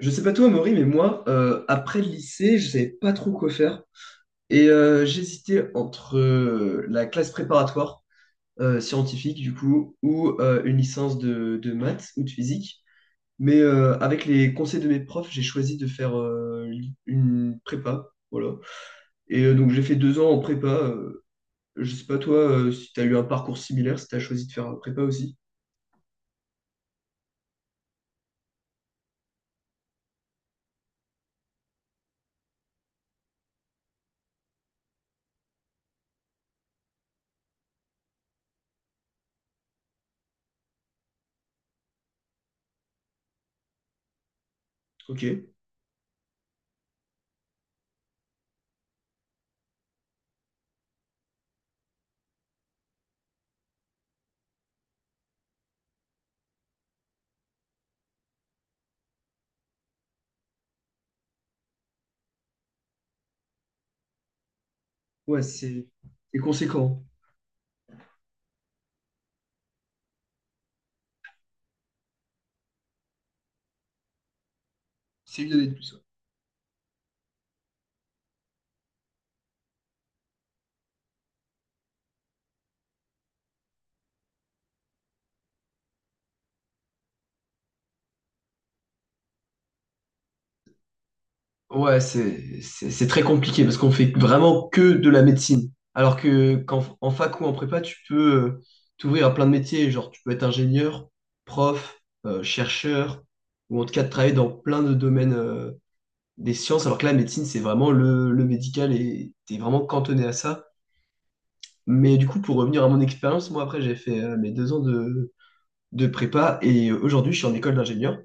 Je sais pas toi, Maury, mais moi, après le lycée, je savais pas trop quoi faire. Et j'hésitais entre la classe préparatoire scientifique, du coup, ou une licence de maths ou de physique. Mais avec les conseils de mes profs, j'ai choisi de faire une prépa. Voilà. Et donc, j'ai fait 2 ans en prépa. Je sais pas toi, si tu as eu un parcours similaire, si tu as choisi de faire un prépa aussi. Ok. Ouais, c'est conséquent. C'est une année de plus. Ouais, c'est très compliqué parce qu'on fait vraiment que de la médecine. Alors que qu'en en fac ou en prépa, tu peux t'ouvrir à plein de métiers. Genre, tu peux être ingénieur, prof, chercheur, ou en tout cas de travailler dans plein de domaines des sciences. Alors que la médecine, c'est vraiment le médical et t'es vraiment cantonné à ça. Mais du coup, pour revenir à mon expérience, moi après, j'ai fait mes 2 ans de prépa et aujourd'hui, je suis en école d'ingénieur.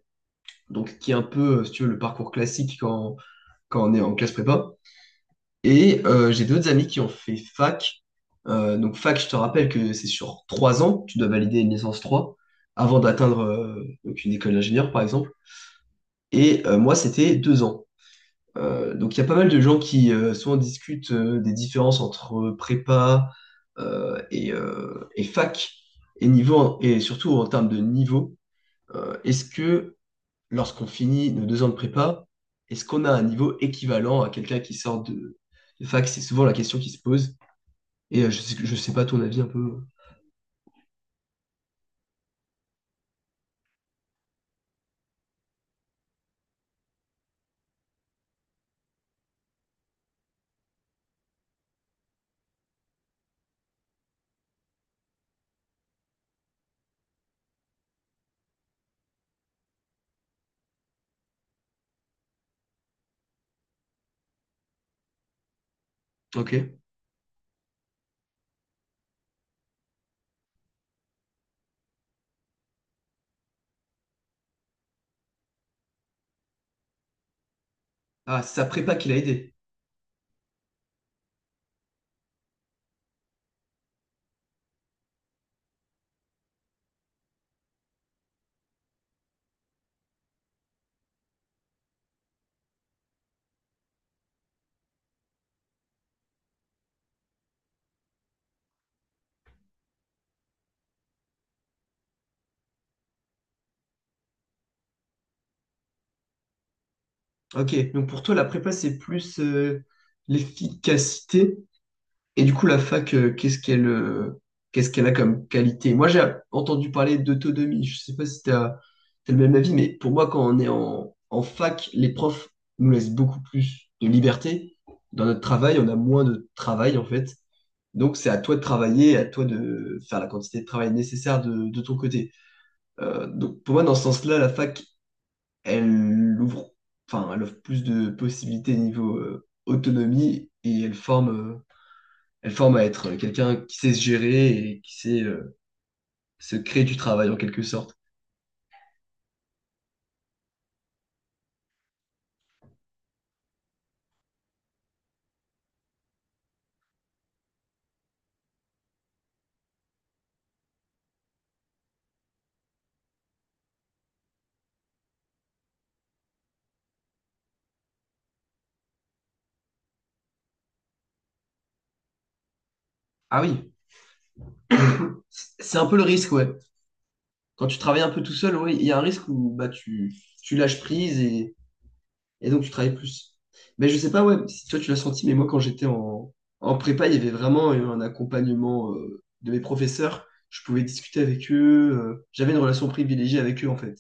Donc, qui est un peu, si tu veux, le parcours classique quand on est en classe prépa. Et j'ai d'autres amis qui ont fait fac. Donc fac, je te rappelle que c'est sur 3 ans, tu dois valider une licence 3 avant d'atteindre donc une école d'ingénieur, par exemple. Et moi, c'était 2 ans. Donc il y a pas mal de gens qui souvent discutent des différences entre prépa et fac, et surtout en termes de niveau. Est-ce que lorsqu'on finit nos 2 ans de prépa, est-ce qu'on a un niveau équivalent à quelqu'un qui sort de fac? C'est souvent la question qui se pose. Et je sais pas ton avis un peu. Ok. Ah, c'est sa prépa qui l'a aidé. Ok. Donc pour toi, la prépa, c'est plus l'efficacité. Et du coup, la fac, qu'est-ce qu'elle a comme qualité? Moi, j'ai entendu parler d'autonomie. Je sais pas si tu as le même avis, mais pour moi, quand on est en fac, les profs nous laissent beaucoup plus de liberté. Dans notre travail, on a moins de travail, en fait. Donc, c'est à toi de travailler, à toi de faire la quantité de travail nécessaire de ton côté. Donc pour moi, dans ce sens-là, la fac, elle ouvre, enfin, elle offre plus de possibilités niveau autonomie et elle forme à être quelqu'un qui sait se gérer et qui sait se créer du travail en quelque sorte. Ah oui, c'est un peu le risque, ouais. Quand tu travailles un peu tout seul, oui, il y a un risque où bah, tu lâches prise. Et donc, tu travailles plus. Mais je sais pas, ouais, si toi, tu l'as senti, mais moi, quand j'étais en prépa, il y avait vraiment eu un accompagnement de mes professeurs. Je pouvais discuter avec eux. J'avais une relation privilégiée avec eux, en fait.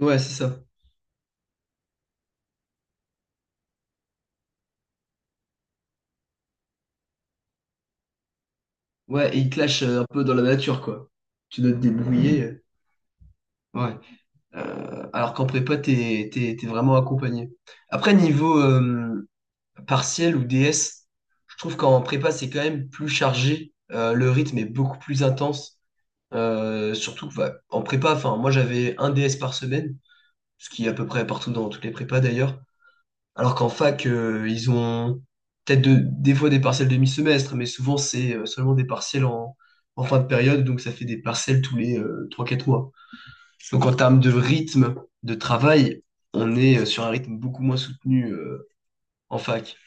Ouais, c'est ça. Ouais, et ils te lâchent un peu dans la nature, quoi. Tu dois te débrouiller. Ouais. Alors qu'en prépa, t'es vraiment accompagné. Après, niveau partiel ou DS, je trouve qu'en prépa, c'est quand même plus chargé. Le rythme est beaucoup plus intense. Surtout que, bah, en prépa, enfin, moi j'avais un DS par semaine, ce qui est à peu près partout dans toutes les prépas d'ailleurs. Alors qu'en fac, ils ont peut-être des fois des partiels demi-semestre, mais souvent c'est seulement des partiels en fin de période, donc ça fait des partiels tous les 3-4 mois. Donc en termes de rythme de travail, on est sur un rythme beaucoup moins soutenu en fac.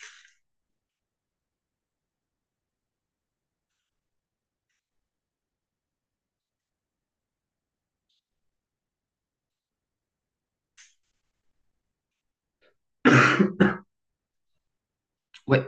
Ouais,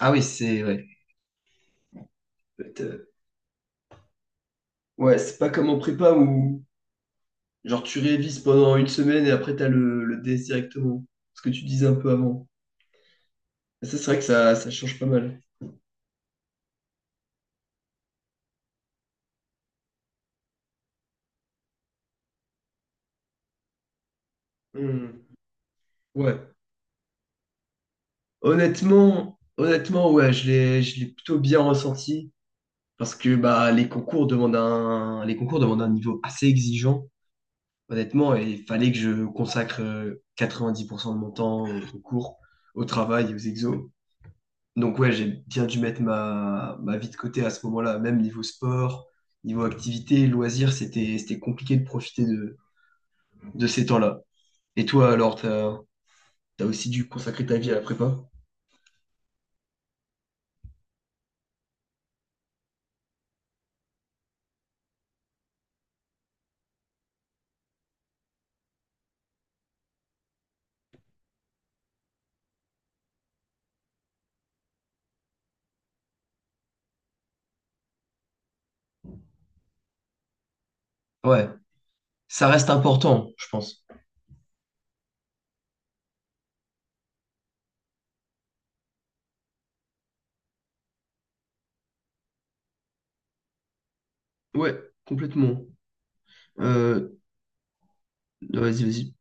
ah oui, c'est ouais. Peut-être, Ouais, c'est pas comme en prépa où genre, tu révises pendant une semaine et après, t'as le DS directement. Ce que tu disais un peu avant. Et ça, c'est vrai que ça change pas mal. Hmm. Ouais. Honnêtement, ouais, je l'ai plutôt bien ressenti. Parce que bah, les concours demandent un niveau assez exigeant, honnêtement, et il fallait que je consacre 90% de mon temps au concours, au travail, et aux exos. Donc ouais, j'ai bien dû mettre ma vie de côté à ce moment-là, même niveau sport, niveau activité, loisirs, c'était compliqué de profiter de ces temps-là. Et toi, alors, t'as aussi dû consacrer ta vie à la prépa? Ouais, ça reste important, je pense. Ouais, complètement. Euh, Vas-y, vas-y.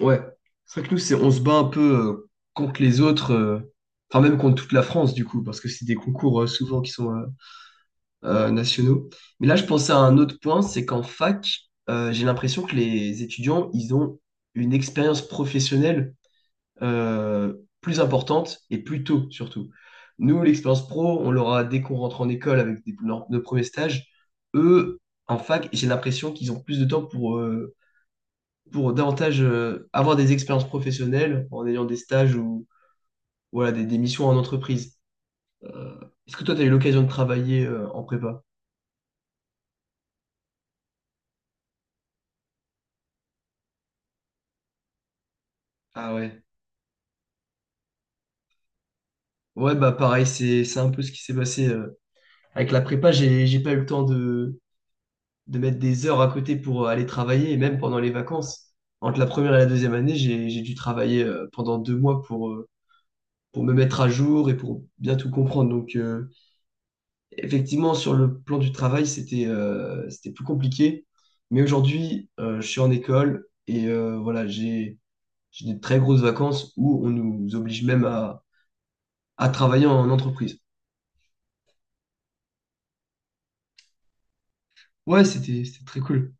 Ouais. C'est vrai que nous, on se bat un peu contre les autres, enfin même contre toute la France, du coup, parce que c'est des concours souvent qui sont, nationaux. Mais là, je pensais à un autre point, c'est qu'en fac, j'ai l'impression que les étudiants, ils ont une expérience professionnelle euh, plus importante et plus tôt surtout. Nous, l'expérience pro, on l'aura dès qu'on rentre en école avec nos premiers stages. Eux, en fac, j'ai l'impression qu'ils ont plus de temps pour davantage avoir des expériences professionnelles en ayant des stages ou voilà, des missions en entreprise. Euh, Est-ce que toi, tu as eu l'occasion de travailler en prépa? Ah ouais. Ouais, bah pareil, c'est un peu ce qui s'est passé avec la prépa. J'ai pas eu le temps de mettre des heures à côté pour aller travailler. Et même pendant les vacances, entre la première et la deuxième année, j'ai dû travailler pendant 2 mois pour me mettre à jour et pour bien tout comprendre. Donc, effectivement, sur le plan du travail, c'était plus compliqué. Mais aujourd'hui, je suis en école et voilà, j'ai des très grosses vacances où on nous oblige même à travailler en entreprise. Ouais, c'était très cool.